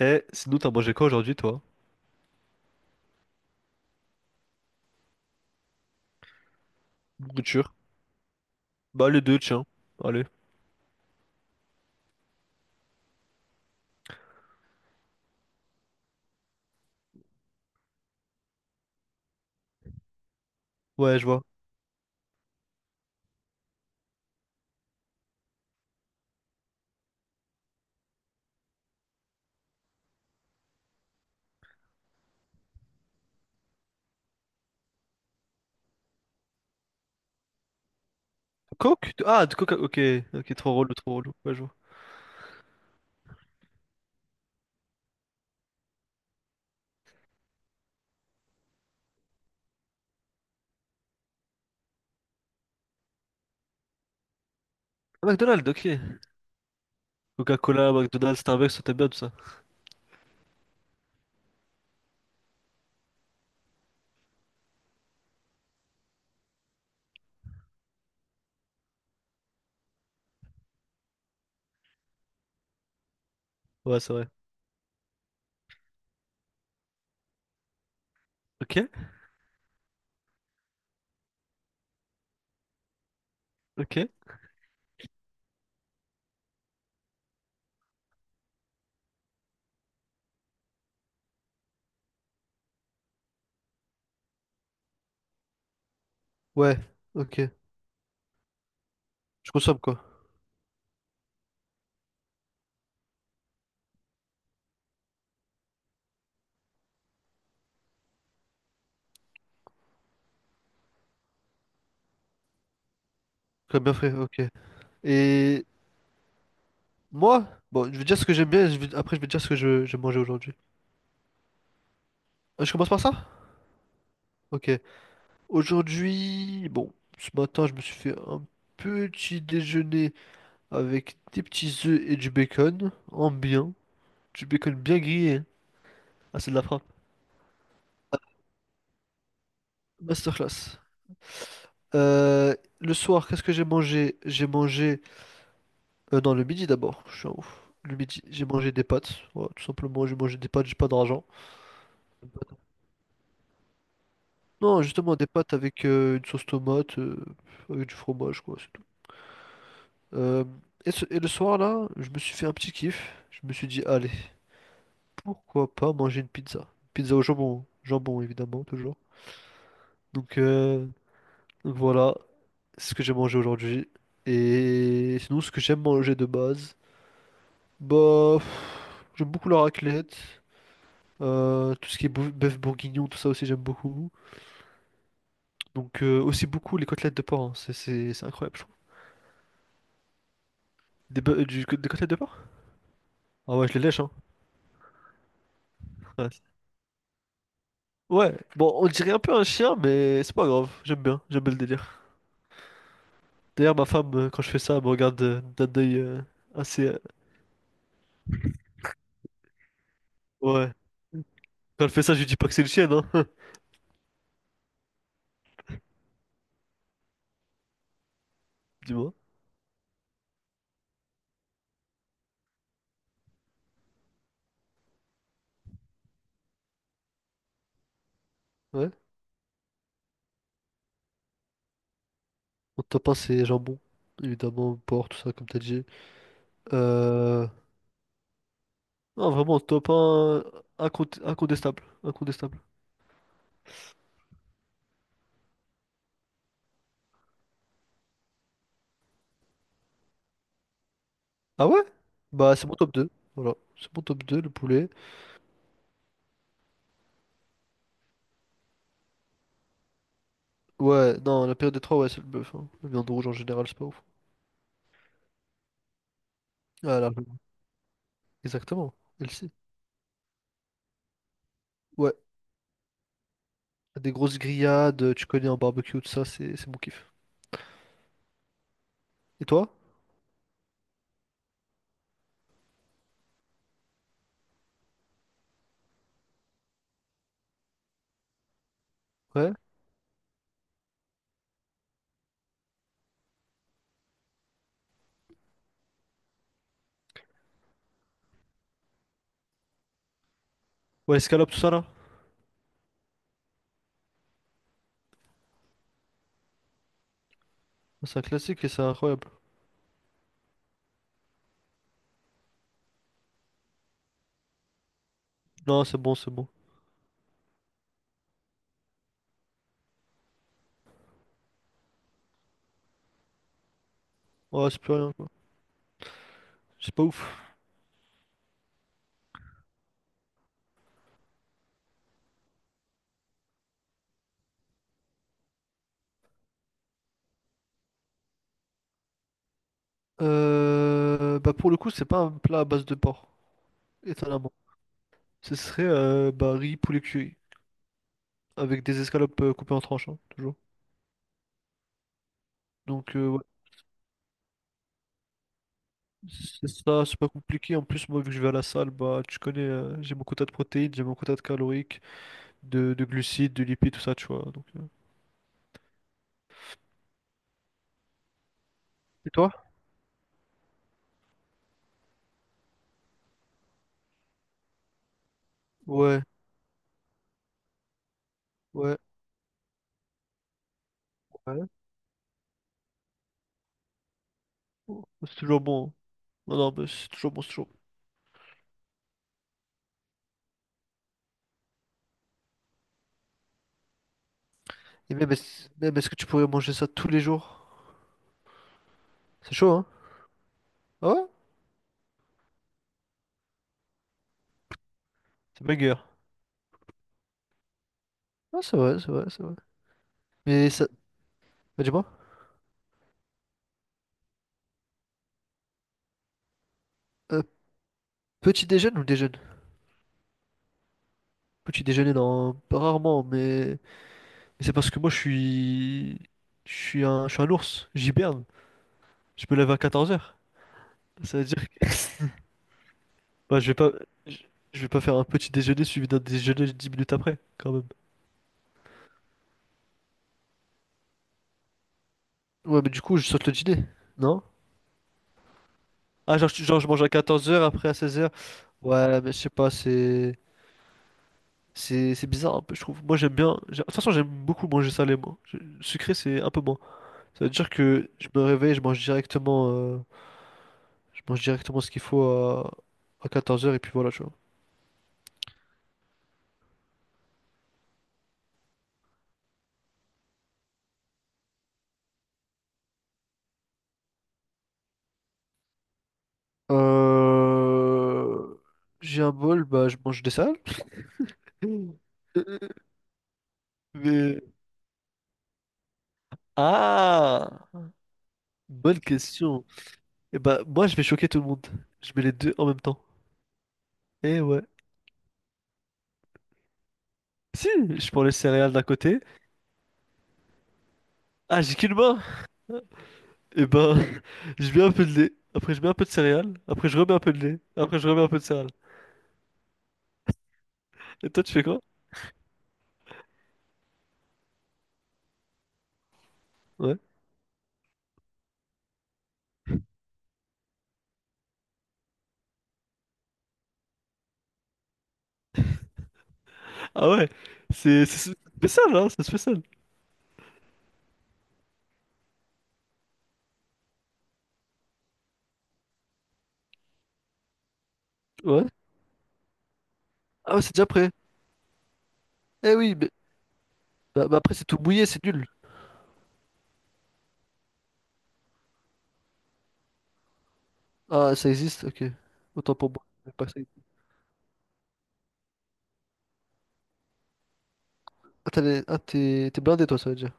Eh, sinon, t'as mangé quoi aujourd'hui, toi? Nourriture. Bah, les deux, tiens. Allez. Ouais, je vois. Coke? Ah, de Coca. Ok, ok, trop relou, trop relou. Ouais, je vois. Ah, McDonald's, ok. Coca-Cola, McDonald's, Starbucks, ça t'aime bien tout ça. Ouais, c'est vrai. Ok, ok. Ouais, ok. Je consomme quoi? Comme bien fait, ok. Et moi, bon, je vais dire ce que j'aime bien, et après je vais dire ce que je vais manger aujourd'hui. Ah, je commence par ça? Ok. Aujourd'hui, bon, ce matin, je me suis fait un petit déjeuner avec des petits œufs et du bacon en bien, du bacon bien grillé, hein. Ah, c'est de la frappe. Masterclass. Le soir, qu'est-ce que j'ai mangé? J'ai mangé. Non, le midi d'abord. Je suis un ouf. Le midi, j'ai mangé des pâtes. Voilà, tout simplement, j'ai mangé des pâtes, j'ai pas d'argent. Non, justement, des pâtes avec une sauce tomate, avec du fromage, quoi, c'est tout. Euh, et le soir, là, je me suis fait un petit kiff. Je me suis dit, allez, pourquoi pas manger une pizza? Pizza au jambon. Jambon, évidemment, toujours. Donc, voilà ce que j'ai mangé aujourd'hui. Et sinon, ce que j'aime manger de base, bah, pff, j'aime beaucoup la raclette, tout ce qui est bœuf bourguignon, tout ça aussi j'aime beaucoup. Donc aussi beaucoup les côtelettes de porc, hein. C'est incroyable, je trouve. Des côtelettes de porc? Ah ouais, je les lèche, hein. Ouais. Ouais, bon, on dirait un peu un chien, mais c'est pas grave, j'aime bien le délire. D'ailleurs, ma femme, quand je fais ça, elle me regarde d'un œil assez. Ouais, quand elle fait ça, je lui dis pas que c'est le chien, hein. Dis-moi. Ouais. Mon top un c'est jambon, évidemment, porc, tout ça, comme t'as dit. Euh... Non, vraiment, top un incontestable, incontestable. Ah ouais? Bah, c'est mon top deux, voilà. C'est mon top deux le poulet. Ouais, non, la période des 3, ouais, c'est le bœuf, hein. La viande rouge, en général, c'est pas ouf. Ah, exactement, elle sait. Ouais, des grosses grillades, tu connais, en barbecue, tout ça, c'est mon kiff. Et toi? Ouais? Ouais, escalope, tout ça, là? C'est un classique et c'est incroyable. Non, c'est bon, c'est bon. Ouais, c'est plus rien, quoi. C'est pas ouf. Bah pour le coup, c'est pas un plat à base de porc, étonnamment. Ce serait bah, riz poulet cuit avec des escalopes coupées en tranches, hein, toujours. Donc ouais, c'est ça, c'est pas compliqué. En plus, moi, vu que je vais à la salle, bah tu connais, j'ai mon quota de protéines, j'ai mon quota de caloriques, de glucides, de lipides, tout ça, tu vois. Donc. Et toi? Ouais, ouais, ouais. Oh, c'est toujours bon, hein. Non, non, mais c'est toujours bon, c'est toujours bon. Et même, même est-ce que tu pourrais manger ça tous les jours? C'est chaud, hein? Ah ouais? C'est banger. Ah, c'est vrai, c'est vrai, c'est vrai. Mais ça... Bah, dis-moi. Euh, Petit déjeuner ou déjeuner? Petit déjeuner, non, rarement, mais c'est parce que moi je suis. Je suis un ours, j'hiberne. Je me lève à 14h. Ça veut dire que bah, je vais pas. Je je vais pas faire un petit déjeuner suivi d'un déjeuner 10 minutes après, quand même. Ouais, mais du coup, je saute le dîner, non? Ah, genre, genre je mange à 14h, après à 16h. Ouais, mais je sais pas, c'est. C'est bizarre un peu, je trouve. Moi, j'aime bien. De toute façon, j'aime beaucoup manger salé, moi. Sucré, c'est un peu moins. Ça veut dire que je me réveille, je mange directement. Je mange directement ce qu'il faut à, 14h et puis voilà, tu vois. Euh... J'ai un bol, bah je mange des salades. Mais... Ah! Bonne question. Et bah moi je vais choquer tout le monde. Je mets les deux en même temps. Eh ouais. Si, je prends les céréales d'un côté. Ah, j'ai qu'une main! Et ben, je mets un peu de lait. Après, je mets un peu de céréales. Après, je remets un peu de lait. Après, je remets un peu de céréales. Et toi, tu fais quoi? Ouais. Ah ouais, c'est spécial, hein, c'est spécial. Ouais. Ah ouais, c'est déjà prêt. Eh oui, mais, bah après c'est tout mouillé, c'est nul. Ah, ça existe, ok. Autant pour moi. Je pas ça. Ah, ah, t'es blindé toi, ça veut dire.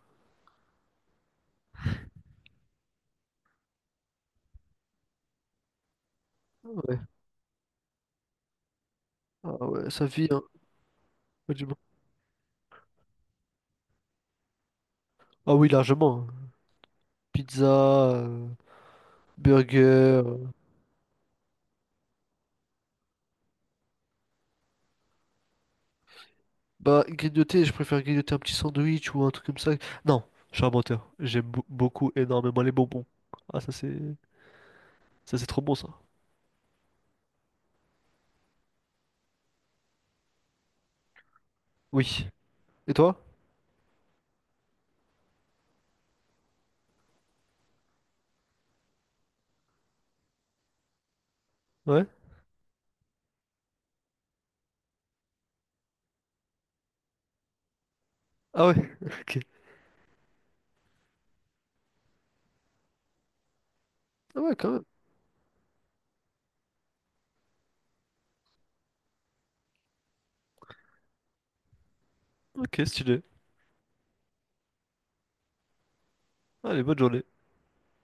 Ah, ouais. Ah ouais, ça vit, hein. Ouais, du moins. Ah oui, largement, hein. Pizza, burger. euh. Bah, grignoter, je préfère grignoter un petit sandwich ou un truc comme ça. Non, je suis un menteur. J'aime beaucoup, énormément les bonbons. Ah, ça c'est trop bon ça. Oui. Et toi? Ouais? Ah ouais, ok. Ah ouais, quand même. Ok, stylé. Allez, bonne journée.